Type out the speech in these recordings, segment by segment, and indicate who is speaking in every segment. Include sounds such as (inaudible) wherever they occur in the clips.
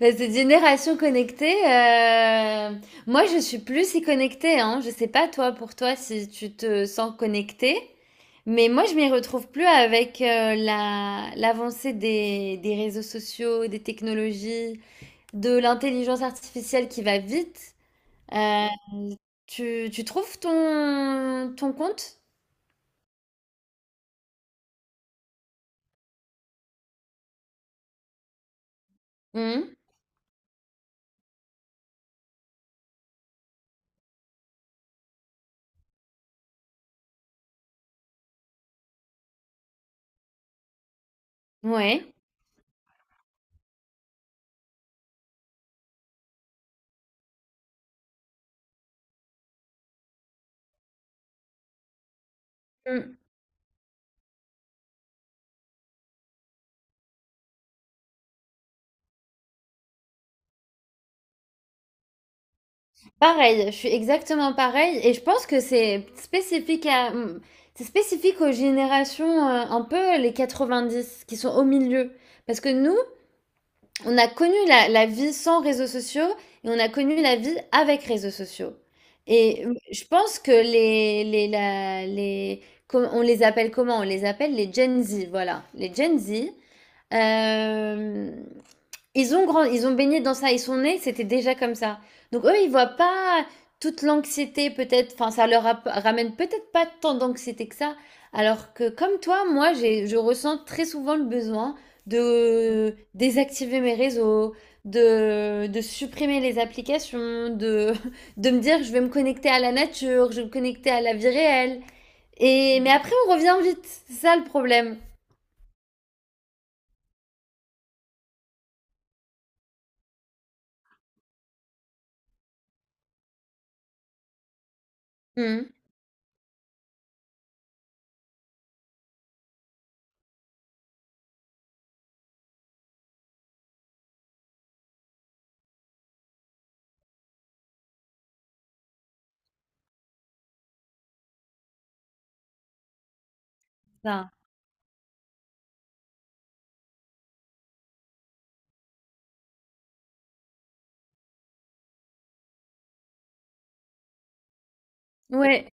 Speaker 1: Mais cette génération connectée, moi je suis plus si connectée. Hein. Je sais pas toi, pour toi, si tu te sens connectée, mais moi je m'y retrouve plus avec l'avancée des réseaux sociaux, des technologies, de l'intelligence artificielle qui va vite. Euh, tu trouves ton compte? Mhm. Ouais. Mmh. Pareil, je suis exactement pareil et je pense que c'est spécifique à c'est spécifique aux générations un peu les 90 qui sont au milieu parce que nous, on a connu la vie sans réseaux sociaux et on a connu la vie avec réseaux sociaux. Je pense que les la- les com- on les appelle comment? On les appelle les Gen Z, voilà, les Gen Z. Euh, Ils ont baigné dans ça, ils sont nés, c'était déjà comme ça. Donc eux, ils voient pas toute l'anxiété peut-être, enfin ramène peut-être pas tant d'anxiété que ça, alors que comme toi, moi, je ressens très souvent le besoin de désactiver mes réseaux, de supprimer les applications, (laughs) de me dire je vais me connecter à la nature, je vais me connecter à la vie réelle. Et mais après, on revient vite, c'est ça le problème. Hmm. Ça. Ouais.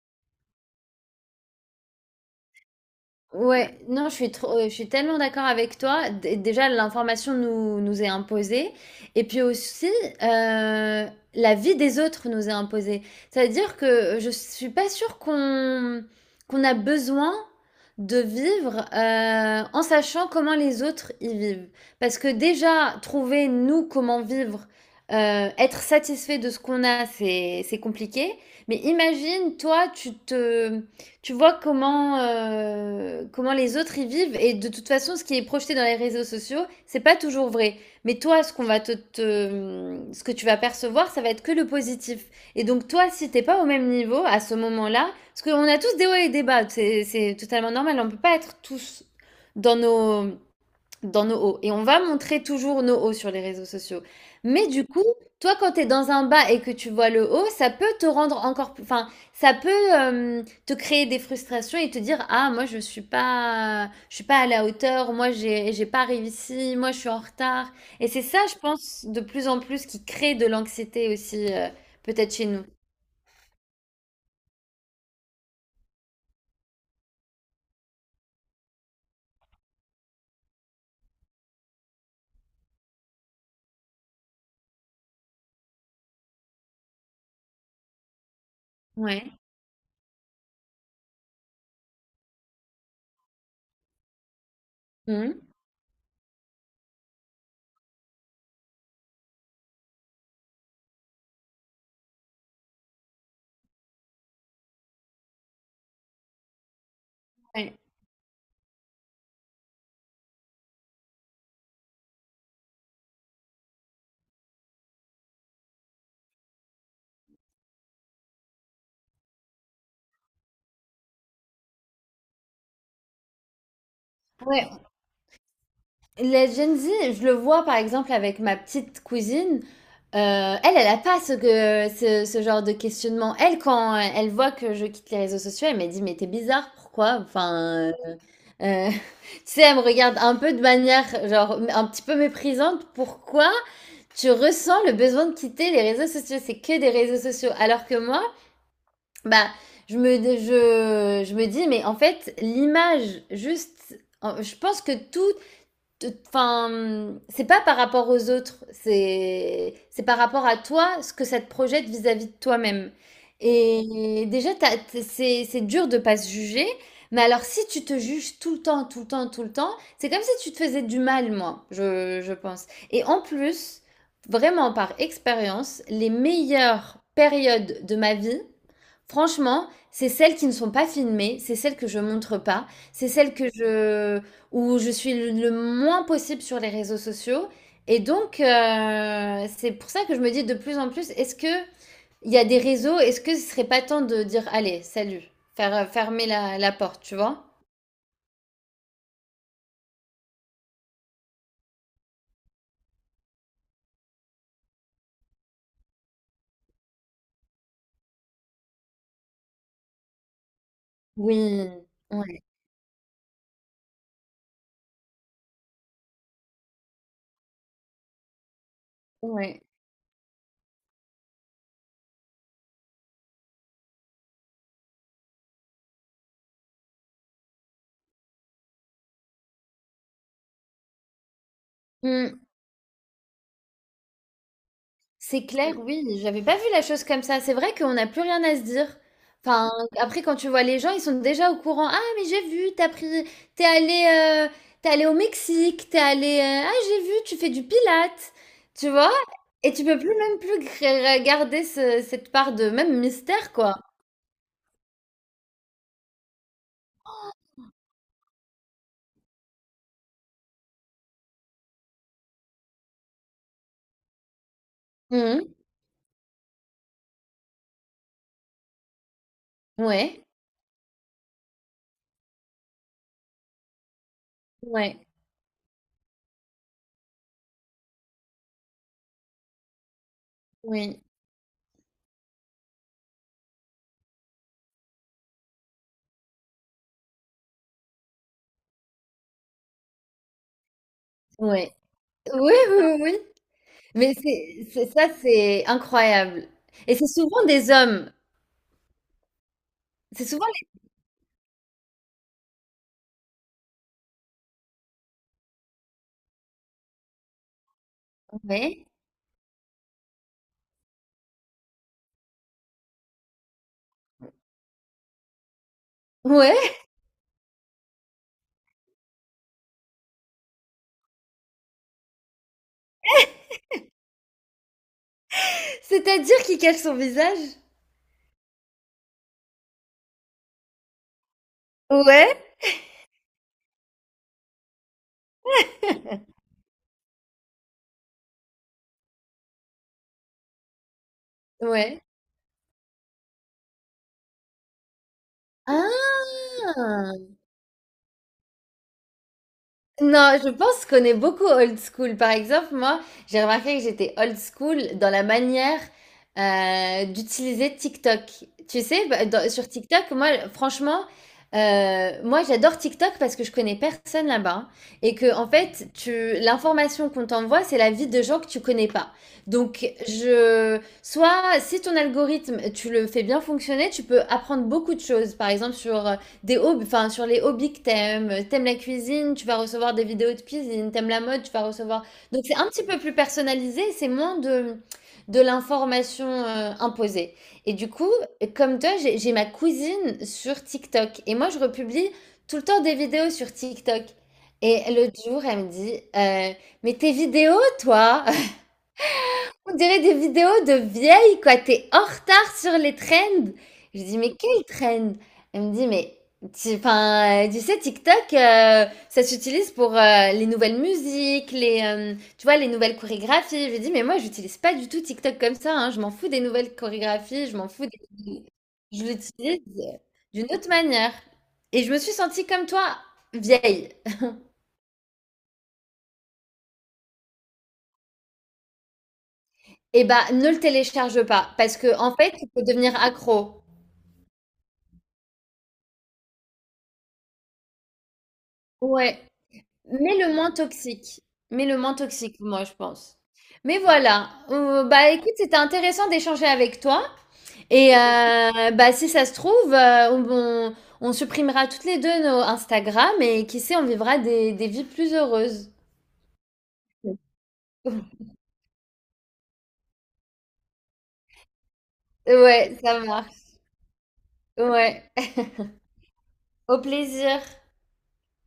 Speaker 1: Ouais, non, je suis trop, je suis tellement d'accord avec toi. Déjà, l'information nous est imposée. Et puis aussi, euh, la vie des autres nous est imposée. C'est-à-dire que je suis pas sûre qu'on a besoin de vivre en sachant comment les autres y vivent. Parce que déjà, trouver nous comment vivre, être satisfait de ce qu'on a, c'est compliqué. Mais imagine, toi, tu vois comment les autres y vivent. Et de toute façon, ce qui est projeté dans les réseaux sociaux, c'est pas toujours vrai. Mais toi, ce qu'on va te, te- ce que tu vas percevoir, ça va être que le positif. Et donc, toi, si t'es pas au même niveau à ce moment-là, parce qu'on a tous des hauts et des bas, c'est totalement normal. On peut pas être tous dans nos, dans nos hauts. Et on va montrer toujours nos hauts sur les réseaux sociaux. Mais du coup, toi, quand tu es dans un bas et que tu vois le haut, ça peut te rendre encore plus... Enfin, ça peut te créer des frustrations et te dire, ah, moi, je suis pas à la hauteur, moi, j'ai pas réussi, moi, je suis en retard. Et c'est ça, je pense, de plus en plus qui crée de l'anxiété aussi, peut-être chez nous. Ouais. Mhm. Ouais. Ouais. Les Gen Z, je le vois par exemple avec ma petite cousine. Elle a pas ce genre de questionnement. Elle, quand elle voit que je quitte les réseaux sociaux, elle m'a dit, mais t'es bizarre, pourquoi? Enfin, (laughs) tu sais, elle me regarde un peu de manière, genre, un petit peu méprisante. Pourquoi tu ressens le besoin de quitter les réseaux sociaux? C'est que des réseaux sociaux. Alors que moi, bah, je me dis, mais en fait, l'image, juste, je pense que tout... Enfin, c'est pas par rapport aux autres, c'est par rapport à toi, ce que ça te projette vis-à-vis de toi-même. Et déjà, c'est dur de pas se juger, mais alors si tu te juges tout le temps, tout le temps, tout le temps, c'est comme si tu te faisais du mal, moi, je pense. Et en plus, vraiment par expérience, les meilleures périodes de ma vie, franchement, c'est celles qui ne sont pas filmées, c'est celles que je montre pas, c'est celles que je où je suis le moins possible sur les réseaux sociaux. Et donc, c'est pour ça que je me dis de plus en plus, est-ce que il y a des réseaux, est-ce que ce serait pas temps de dire, allez, salut, faire fermer la porte, tu vois? Oui, ouais, ouais. Mmh. C'est clair, oui, j'avais pas vu la chose comme ça. C'est vrai qu'on n'a plus rien à se dire. Enfin, après, quand tu vois les gens, ils sont déjà au courant. Ah, mais j'ai vu, t'es allé, euh, t'es allé au Mexique, t'es allé, ah, j'ai vu, tu fais du pilates, tu vois? Et tu peux plus même plus garder cette part de même mystère, quoi. Mhm. Ouais, ouais, oui, ouais, oui, oui, oui. Mais ça, c'est incroyable. Et c'est souvent des hommes. C'est souvent les... Ouais. Ouais. C'est-à-dire qu'il cache son visage? Ouais. Ouais. Ah! Non, je pense qu'on est beaucoup old school. Par exemple, moi, j'ai remarqué que j'étais old school dans la manière d'utiliser TikTok. Tu sais, bah, sur TikTok, moi, franchement, moi, j'adore TikTok parce que je connais personne là-bas hein, et que, en fait, tu, l'information qu'on t'envoie, c'est la vie de gens que tu connais pas. Donc, soit si ton algorithme, tu le fais bien fonctionner, tu peux apprendre beaucoup de choses. Par exemple, sur des hobbies, enfin sur les hobbies que t'aimes. T'aimes la cuisine, tu vas recevoir des vidéos de cuisine. T'aimes la mode, tu vas recevoir. Donc c'est un petit peu plus personnalisé, c'est moins de l'information imposée. Et du coup, comme toi, j'ai ma cousine sur TikTok et moi je republie tout le temps des vidéos sur TikTok. Et l'autre jour, elle me dit, mais tes vidéos, toi? (laughs) On dirait des vidéos de vieilles, quoi. T'es en retard sur les trends. Je dis, mais quel trend? Elle me dit, mais 'fin, tu sais, TikTok, ça s'utilise pour les nouvelles musiques, tu vois, les nouvelles chorégraphies. Je lui dis, mais moi, j'utilise pas du tout TikTok comme ça, hein. Je m'en fous des nouvelles chorégraphies. Je m'en fous des... Je l'utilise d'une autre manière. Et je me suis sentie comme toi, vieille. Eh bah, ne le télécharge pas, parce que en fait, tu peux devenir accro. Ouais. Mais le moins toxique. Mais le moins toxique, moi, je pense. Mais voilà. Bah écoute, c'était intéressant d'échanger avec toi. Et bah si ça se trouve, on supprimera toutes les deux nos Instagram et qui sait, on vivra des vies plus heureuses. (laughs) Ouais, ça marche. Ouais. Au plaisir.